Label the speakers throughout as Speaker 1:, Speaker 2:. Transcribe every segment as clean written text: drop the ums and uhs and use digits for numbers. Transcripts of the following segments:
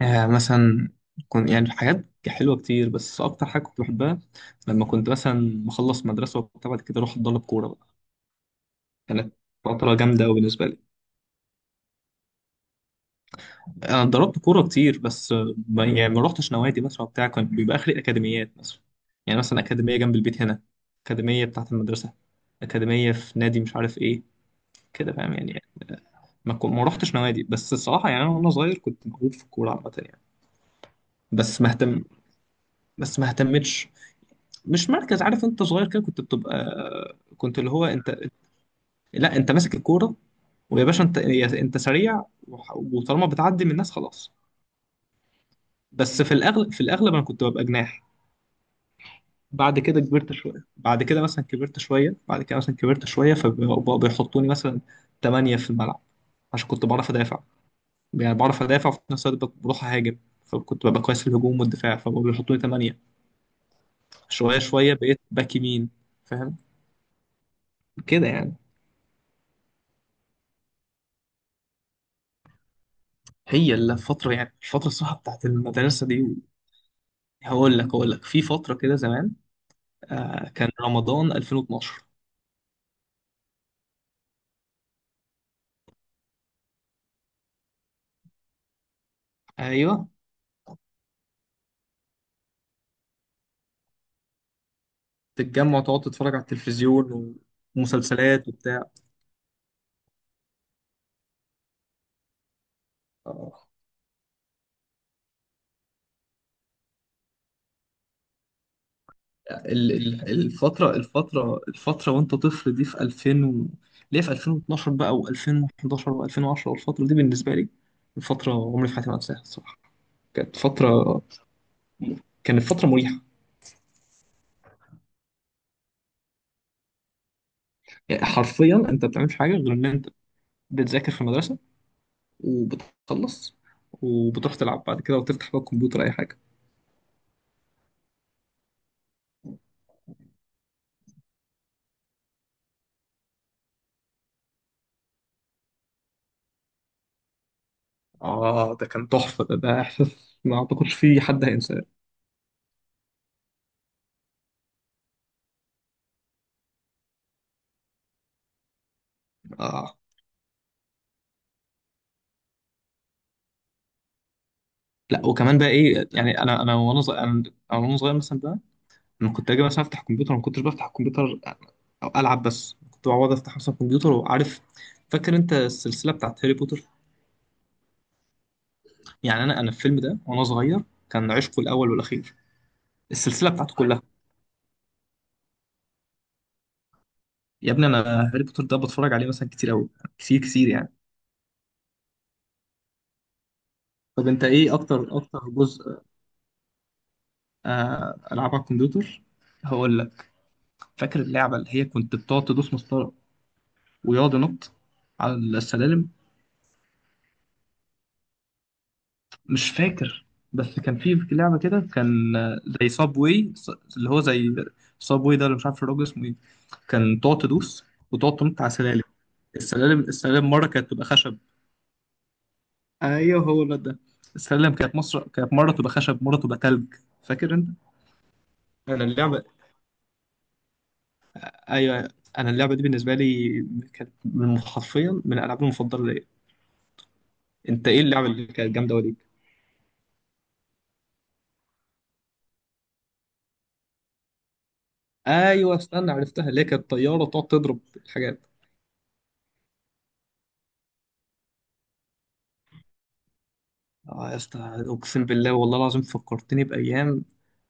Speaker 1: يعني مثلا، كنت يعني حاجات حلوة كتير، بس أكتر حاجة كنت بحبها لما كنت مثلا بخلص مدرسة وبتاع، بعد كده أروح أتدرب كورة بقى. كانت فترة جامدة أوي بالنسبة لي. أنا اتدربت كورة كتير، بس ما روحتش نوادي مثلا وبتاع. كان بيبقى آخري أكاديميات مثلا، يعني مثلا أكاديمية جنب البيت هنا، أكاديمية بتاعة المدرسة، أكاديمية في نادي مش عارف إيه، كده فاهم يعني. آه، ما روحتش نوادي، بس الصراحة يعني أنا وأنا صغير كنت موهوب في الكورة عامة يعني. بس ما اهتم بس ما اهتمتش. مش مركز، عارف انت صغير كده كنت بتبقى، كنت اللي هو انت، لا انت ماسك الكوره ويا باشا انت انت سريع، وطالما بتعدي من الناس خلاص. بس في الاغلب انا كنت ببقى جناح. بعد كده كبرت شويه بعد كده مثلا كبرت شويه بعد كده مثلا كبرت شويه، فبقوا بيحطوني مثلا تمانية في الملعب، عشان كنت بعرف ادافع، يعني بعرف ادافع وفي نفس الوقت بروح اهاجم، فكنت ببقى كويس في الهجوم والدفاع، فبقوا بيحطوني تمانية. شويه شويه بقيت باك يمين، فاهم، كده يعني. هي الفترة الصراحة بتاعت المدرسة دي. هقول لك، في فترة كده زمان. كان رمضان 2012. ايوه، تتجمع وتقعد تتفرج على التلفزيون، ومسلسلات وبتاع. آه الفترة وانت طفل دي في 2000 ليه، في 2012 بقى و2011 و2010، والفترة دي بالنسبة لي الفترة عمري في حياتي ما انساها الصراحة. كانت فترة كانت فترة مريحة. يعني حرفيا انت ما بتعملش حاجة غير ان انت بتذاكر في المدرسة، وبتخلص، وبتروح تلعب بعد كده، وتفتح بقى الكمبيوتر، أي حاجة. آه، ده كان تحفة، ده إحساس ما أعتقدش فيه حد هينساه. آه، لا، وكمان بقى إيه، يعني أنا وأنا صغير مثلا بقى، أنا كنت أجي مثلا أفتح الكمبيوتر، ما كنتش بفتح الكمبيوتر أو ألعب، بس كنت بقعد أفتح مثلا الكمبيوتر وعارف. فاكر أنت السلسلة بتاعت هاري بوتر؟ يعني أنا الفيلم ده وأنا صغير كان عشقه الأول والأخير، السلسلة بتاعته كلها. يا ابني أنا هاري بوتر ده بتفرج عليه مثلا كتير أوي، كتير كتير يعني. طب انت ايه اكتر جزء؟ آه، العاب على الكمبيوتر، هقول لك. فاكر اللعبه اللي هي كنت بتقعد تدوس مسطره، ويقعد ينط على السلالم؟ مش فاكر، بس كان في لعبه كده، كان زي صاب واي. اللي هو زي صاب واي ده، اللي مش عارف الراجل اسمه ايه، كان تقعد تدوس وتقعد تنط على سلالم. السلالم مره كانت تبقى خشب. ايوه، هو الواد ده. السلالم كانت مصر كانت مره تبقى خشب مره تبقى تلج، فاكر انت؟ انا اللعبه ايوه انا اللعبه دي بالنسبه لي كانت حرفيا من الالعاب المفضله ليا. انت ايه اللعبه اللي كانت جامده وليك؟ ايوه، استنى، عرفتها، اللي هي كانت طياره تقعد تضرب الحاجات. اه يا اسطى، اقسم بالله والله العظيم فكرتني بايام،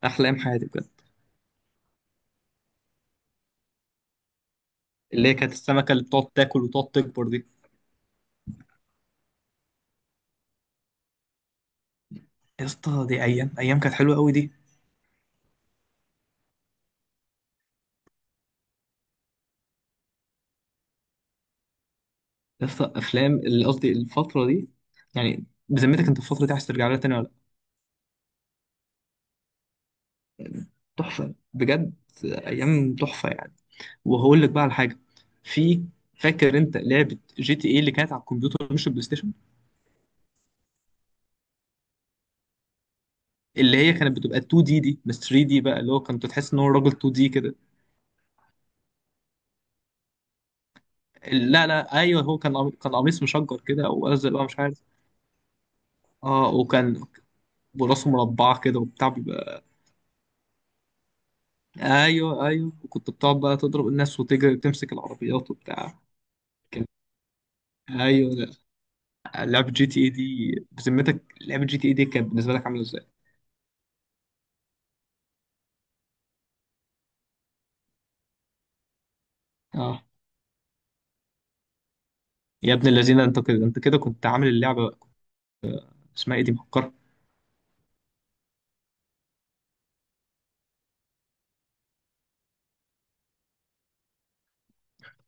Speaker 1: احلى ايام حياتي بجد. اللي هي كانت السمكه اللي بتقعد تاكل وتقعد تكبر دي. يا اسطى، دي ايام، ايام كانت حلوه قوي دي. يا اسطى، افلام، اللي قصدي الفتره دي. يعني بذمتك انت، الفتره دي عايز ترجع لها تاني ولا لأ؟ تحفه بجد، ايام تحفه يعني. وهقول لك بقى على حاجه، في. فاكر انت لعبه جي تي اي اللي كانت على الكمبيوتر، مش البلاي ستيشن، اللي هي كانت بتبقى 2 دي دي بس، 3 دي بقى اللي هو كنت تحس ان هو راجل 2 دي كده. لا لا، ايوه، هو كان قميص مشجر كده، او ازرق بقى مش عارف. اه، وكان براسه مربعه كده وبتاع بيبقى. ايوه ايوه، وكنت بتقعد بقى تضرب الناس، وتجري، وتمسك العربيات وبتاع. كان، ايوه لا، لعبه جي تي اي دي، بذمتك لعبه جي تي اي دي كانت بالنسبه لك عامله ازاي؟ اه يا ابن الذين، انت كده كنت عامل اللعبه، اسمها ايه دي، مفكرة؟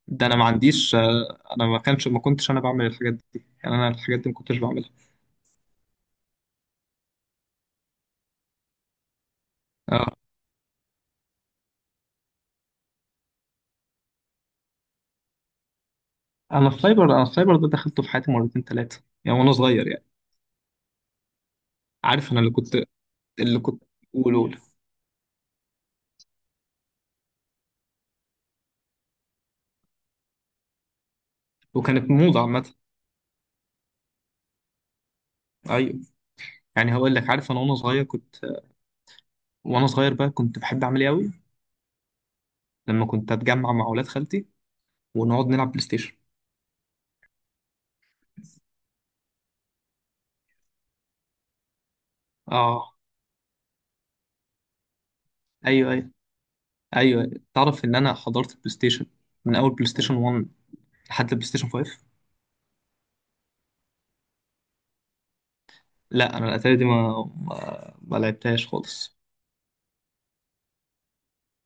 Speaker 1: ده انا ما عنديش، انا ما كنتش انا بعمل الحاجات دي، يعني انا الحاجات دي ما كنتش بعملها. اه، انا السايبر ده دخلته في حياتي مرتين ثلاثة يعني وانا صغير يعني. عارف، انا اللي كنت. قول. وكانت موضة عامة. ايوه، يعني هقول لك، عارف انا وانا صغير كنت، وانا صغير بقى كنت بحب اعمل ايه قوي؟ لما كنت اتجمع مع اولاد خالتي ونقعد نلعب بلاي ستيشن. اه، ايوه ايوه ايوه، تعرف ان انا حضرت البلاي ستيشن من اول بلاي ستيشن 1 لحد البلاي ستيشن 5. لا، انا الاتاري دي ما لعبتهاش خالص.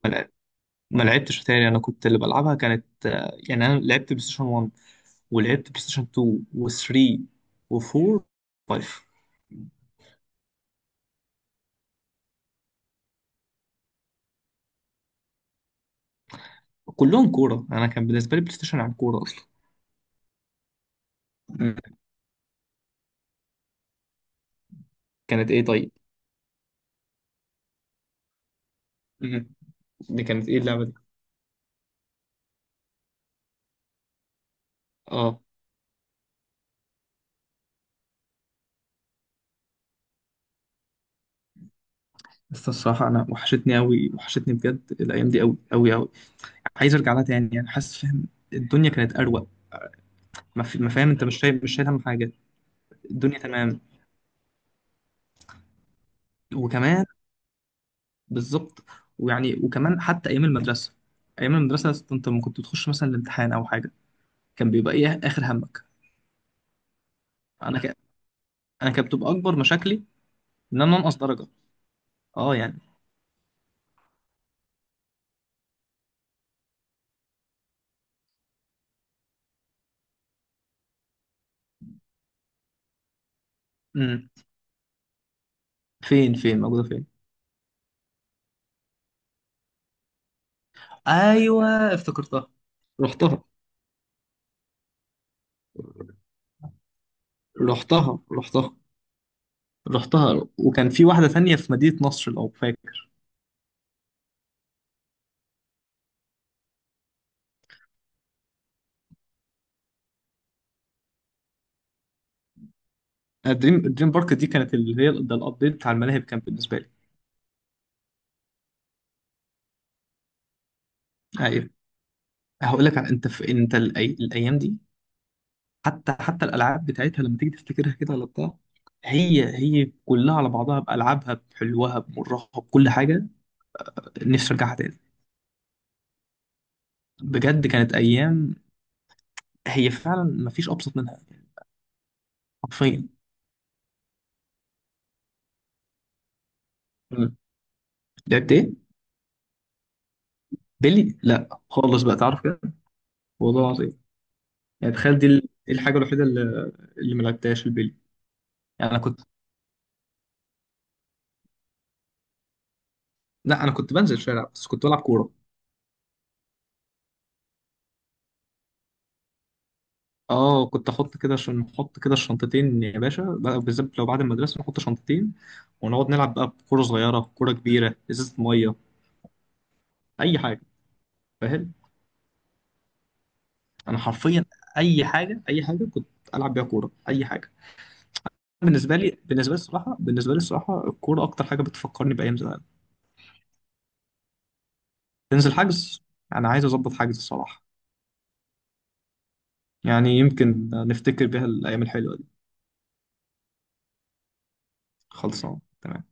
Speaker 1: ما لعب- ما لعبتش اتاري. انا كنت اللي بلعبها كانت، يعني انا لعبت بلاي ستيشن 1، ولعبت بلاي ستيشن 2 و3 و4 و5. كلهم كوره، انا كان بالنسبه لي بلاي ستيشن عن كوره اصلا. مم. كانت ايه طيب؟ مم. دي كانت ايه اللعبه دي؟ اه. بس الصراحه انا وحشتني قوي، وحشتني بجد الايام دي، قوي قوي قوي. عايز ارجع لها تاني يعني، حاسس فاهم. الدنيا كانت اروق. ما فاهم انت، مش شايل هم حاجه. الدنيا تمام. وكمان، بالظبط. ويعني وكمان حتى ايام المدرسه انت لما كنت بتخش مثلا الامتحان او حاجه، كان بيبقى ايه اخر همك؟ انا ك... انا كانت بتبقى اكبر مشاكلي ان انا انقص درجه. اه يعني. امم فين موجوده فين؟ ايوه، افتكرتها. رحتها رحتها رحتها رحتها، وكان في واحده ثانيه في مدينه نصر لو فاكر. الدريم بارك دي كانت اللي هي ده الابديت بتاع الملاهي كان بالنسبه لي. ايوه، هقول لك على- انت في انت الأي... الايام دي. حتى الالعاب بتاعتها لما تيجي تفتكرها كده ولا بتاع، هي كلها على بعضها، بألعابها بحلوها بمرها بكل حاجة، نفسي أرجعها تاني. بجد كانت أيام، هي فعلا مفيش أبسط منها، حرفيا. مم. لعبت إيه؟ بيلي؟ لا خالص، بقى تعرف كده، والله العظيم. يعني تخيل دي الحاجة الوحيدة اللي ما لعبتهاش، البيلي. يعني أنا كنت لا أنا كنت بنزل الشارع بس كنت بلعب كورة. اه، كنت احط كده، عشان نحط كده الشنطتين، يا باشا، بقى بالذات لو بعد المدرسه نحط شنطتين، ونقعد نلعب بقى بكوره صغيره، بكوره كبيره، ازازه ميه، اي حاجه، فاهم. انا حرفيا اي حاجه، اي حاجه كنت العب بيها كوره، اي حاجه. بالنسبه لي الصراحه الكوره اكتر حاجه بتفكرني بايام زمان. تنزل حجز، انا عايز اظبط حجز الصراحه، يعني يمكن نفتكر بيها الايام الحلوه دي. خلصان تمام.